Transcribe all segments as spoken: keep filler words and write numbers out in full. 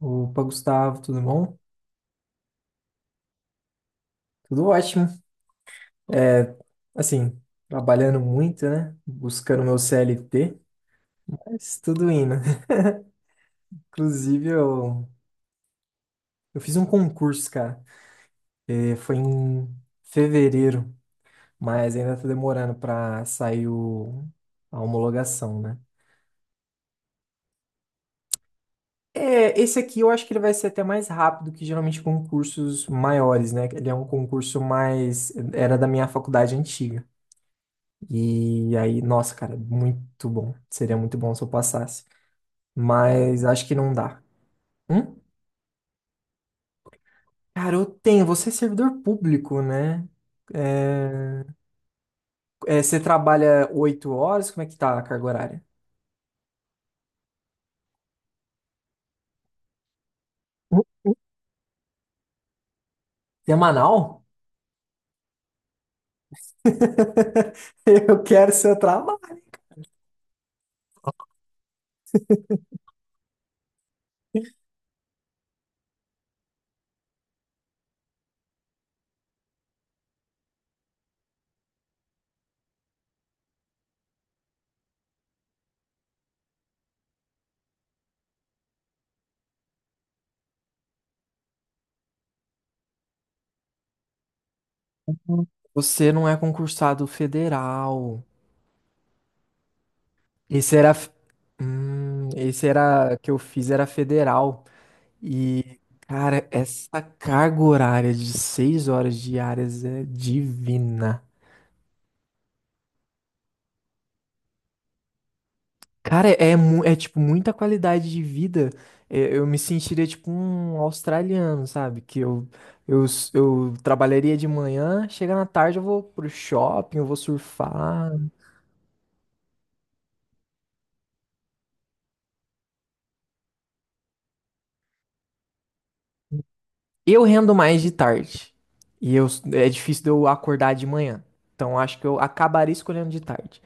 Opa, Gustavo, tudo bom? Tudo ótimo. É, assim, Trabalhando muito, né? Buscando meu C L T, mas tudo indo. Inclusive, eu, eu fiz um concurso, cara. É, foi em fevereiro, mas ainda tá demorando pra sair o, a homologação, né? É, esse aqui eu acho que ele vai ser até mais rápido que geralmente concursos maiores, né? Ele é um concurso mais... Era da minha faculdade antiga. E aí, nossa, cara, muito bom. Seria muito bom se eu passasse. Mas acho que não dá. Hum? Cara, eu tenho. Você é servidor público, né? É, é, Você trabalha oito horas? Como é que tá a carga horária? Hum? Semanal? Eu quero seu trabalho. Você não é concursado federal. Esse era. Hum, esse era que eu fiz, era federal. E, cara, essa carga horária de seis horas diárias é divina. Cara, é, mu- é tipo muita qualidade de vida. É, eu me sentiria tipo um australiano, sabe? Que eu, eu, s- Eu trabalharia de manhã, chega na tarde eu vou pro shopping, eu vou surfar. Eu rendo mais de tarde. E eu, É difícil de eu acordar de manhã. Então acho que eu acabaria escolhendo de tarde.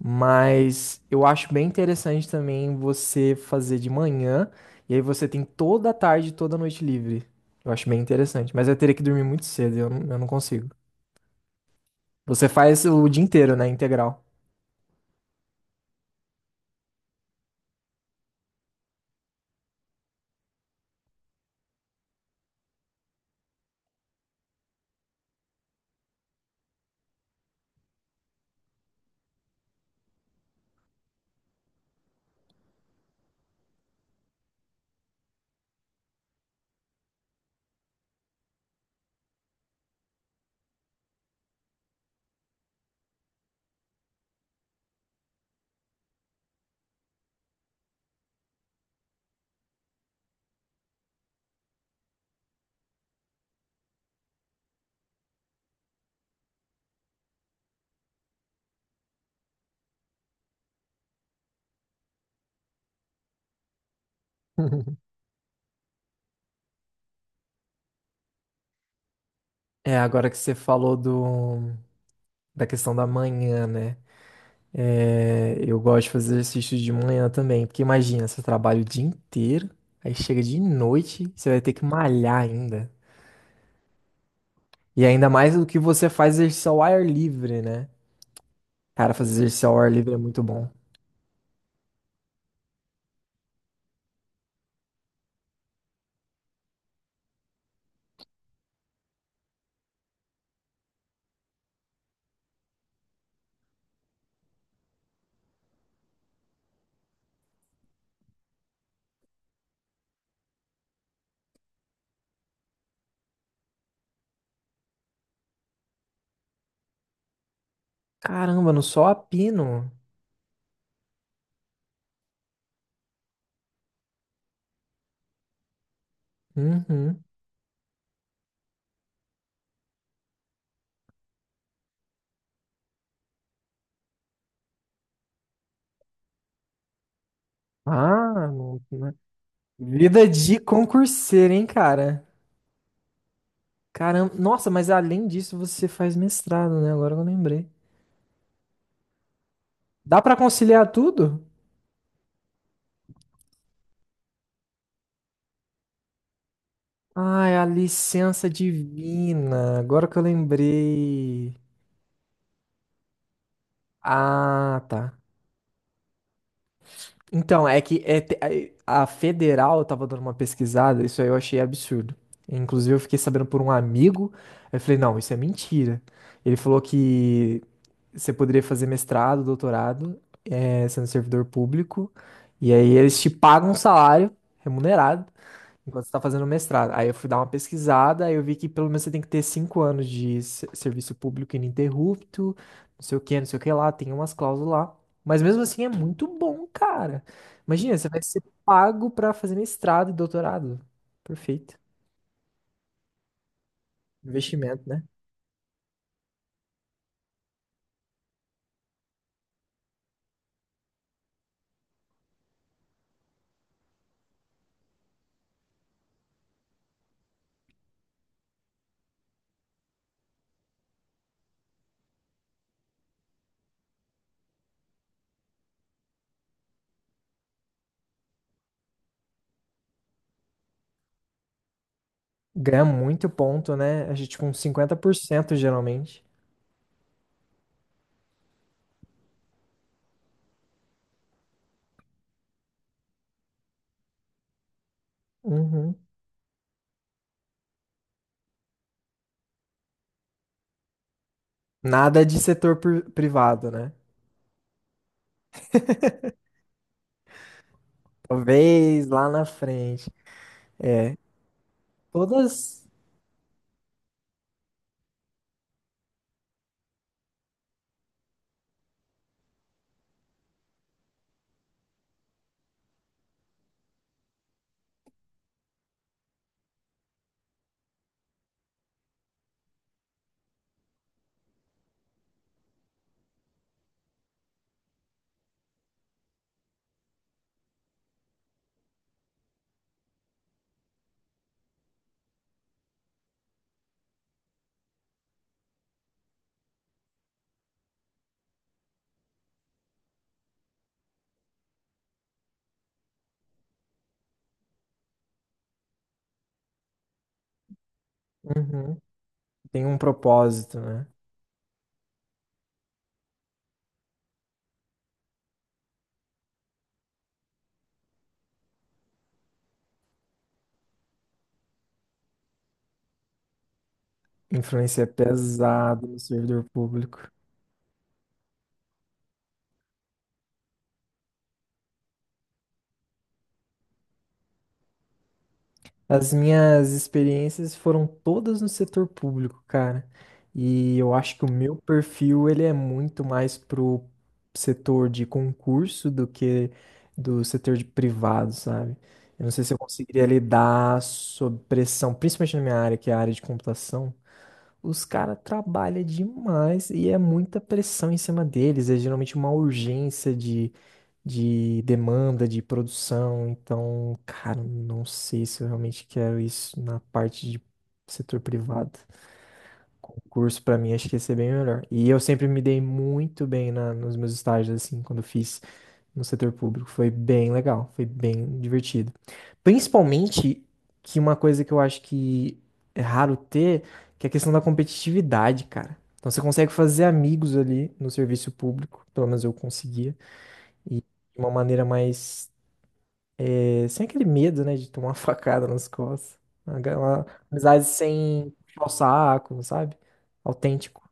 Mas eu acho bem interessante também você fazer de manhã e aí você tem toda a tarde, e toda a noite livre. Eu acho bem interessante, mas eu teria que dormir muito cedo, eu não, eu não consigo. Você faz o dia inteiro, né, integral. É, agora que você falou do, da questão da manhã, né? É, eu gosto de fazer exercício de manhã também, porque imagina, você trabalha o dia inteiro, aí chega de noite, você vai ter que malhar ainda. E ainda mais do que você faz exercício ao ar livre, né? Cara, fazer exercício ao ar livre é muito bom. Caramba, no sol a pino. Uhum. Ah, não, né? Vida de concurseiro, hein, cara? Caramba, nossa, mas além disso você faz mestrado, né? Agora que eu lembrei. Dá pra conciliar tudo? Ai, a licença divina. Agora que eu lembrei. Ah, tá. Então, é que é te- a a federal eu tava dando uma pesquisada, isso aí eu achei absurdo. Inclusive, eu fiquei sabendo por um amigo, eu falei, não, isso é mentira. Ele falou que você poderia fazer mestrado, doutorado, eh, sendo servidor público, e aí eles te pagam um salário remunerado, enquanto você tá fazendo mestrado. Aí eu fui dar uma pesquisada, aí eu vi que pelo menos você tem que ter cinco anos de se- serviço público ininterrupto, não sei o que, não sei o que lá, tem umas cláusulas lá. Mas mesmo assim é muito bom, cara. Imagina, você vai ser pago pra fazer mestrado e doutorado. Perfeito. Investimento, né? Ganha muito ponto, né? A gente, tipo, uns cinquenta por cento geralmente. Uhum. Nada de setor pri- privado, né? Talvez lá na frente. Todas. Uhum. Tem um propósito, né? Influência pesada no servidor público. As minhas experiências foram todas no setor público, cara. E eu acho que o meu perfil, ele é muito mais pro setor de concurso do que do setor de privado, sabe? Eu não sei se eu conseguiria lidar sob pressão, principalmente na minha área, que é a área de computação. Os caras trabalham demais e é muita pressão em cima deles. É geralmente uma urgência de, de demanda, de produção. Então, cara, não sei se eu realmente quero isso na parte de setor privado. Concurso pra mim acho que ia ser bem melhor. E eu sempre me dei muito bem na, nos meus estágios, assim, quando eu fiz no setor público. Foi bem legal, foi bem divertido. Principalmente que uma coisa que eu acho que é raro ter, que é a questão da competitividade, cara. Então você consegue fazer amigos ali no serviço público, pelo menos eu conseguia, e de uma maneira mais, eh, sem aquele medo, né, de tomar uma facada nas costas. Uma, uma amizade sem puxar o saco, sabe? Autêntico.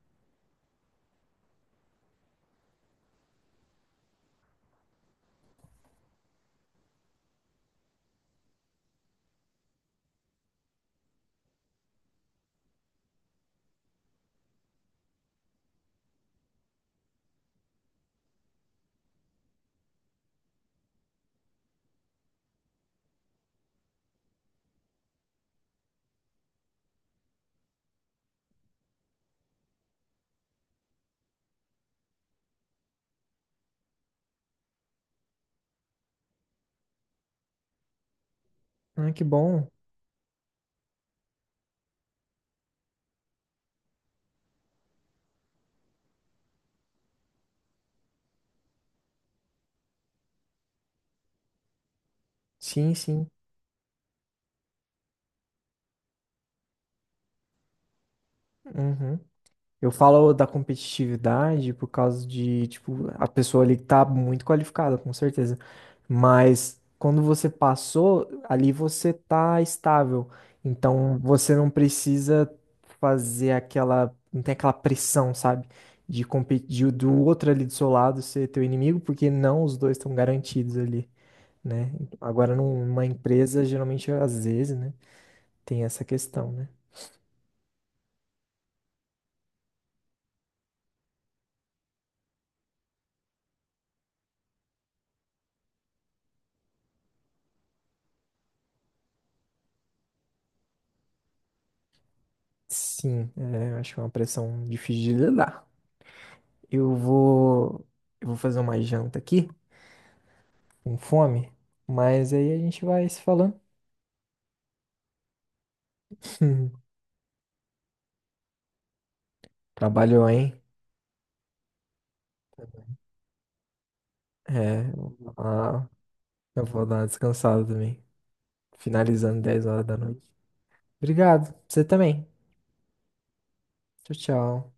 Ah, que bom. Sim, sim. Uhum. Eu falo da competitividade por causa de, tipo, a pessoa ali tá muito qualificada, com certeza. Mas quando você passou, ali você tá estável. Então você não precisa fazer aquela, não tem aquela pressão, sabe? De competir do outro ali do seu lado ser teu inimigo, porque não os dois estão garantidos ali, né? Agora numa empresa, geralmente às vezes, né, tem essa questão, né? Sim, é, eu acho que é uma pressão difícil de lidar. Eu vou, eu vou fazer uma janta aqui, com fome, mas aí a gente vai se falando. Trabalhou, hein? É, eu vou dar uma eu vou dar uma descansada também. Finalizando dez horas da noite. Obrigado, você também. Tchau, tchau.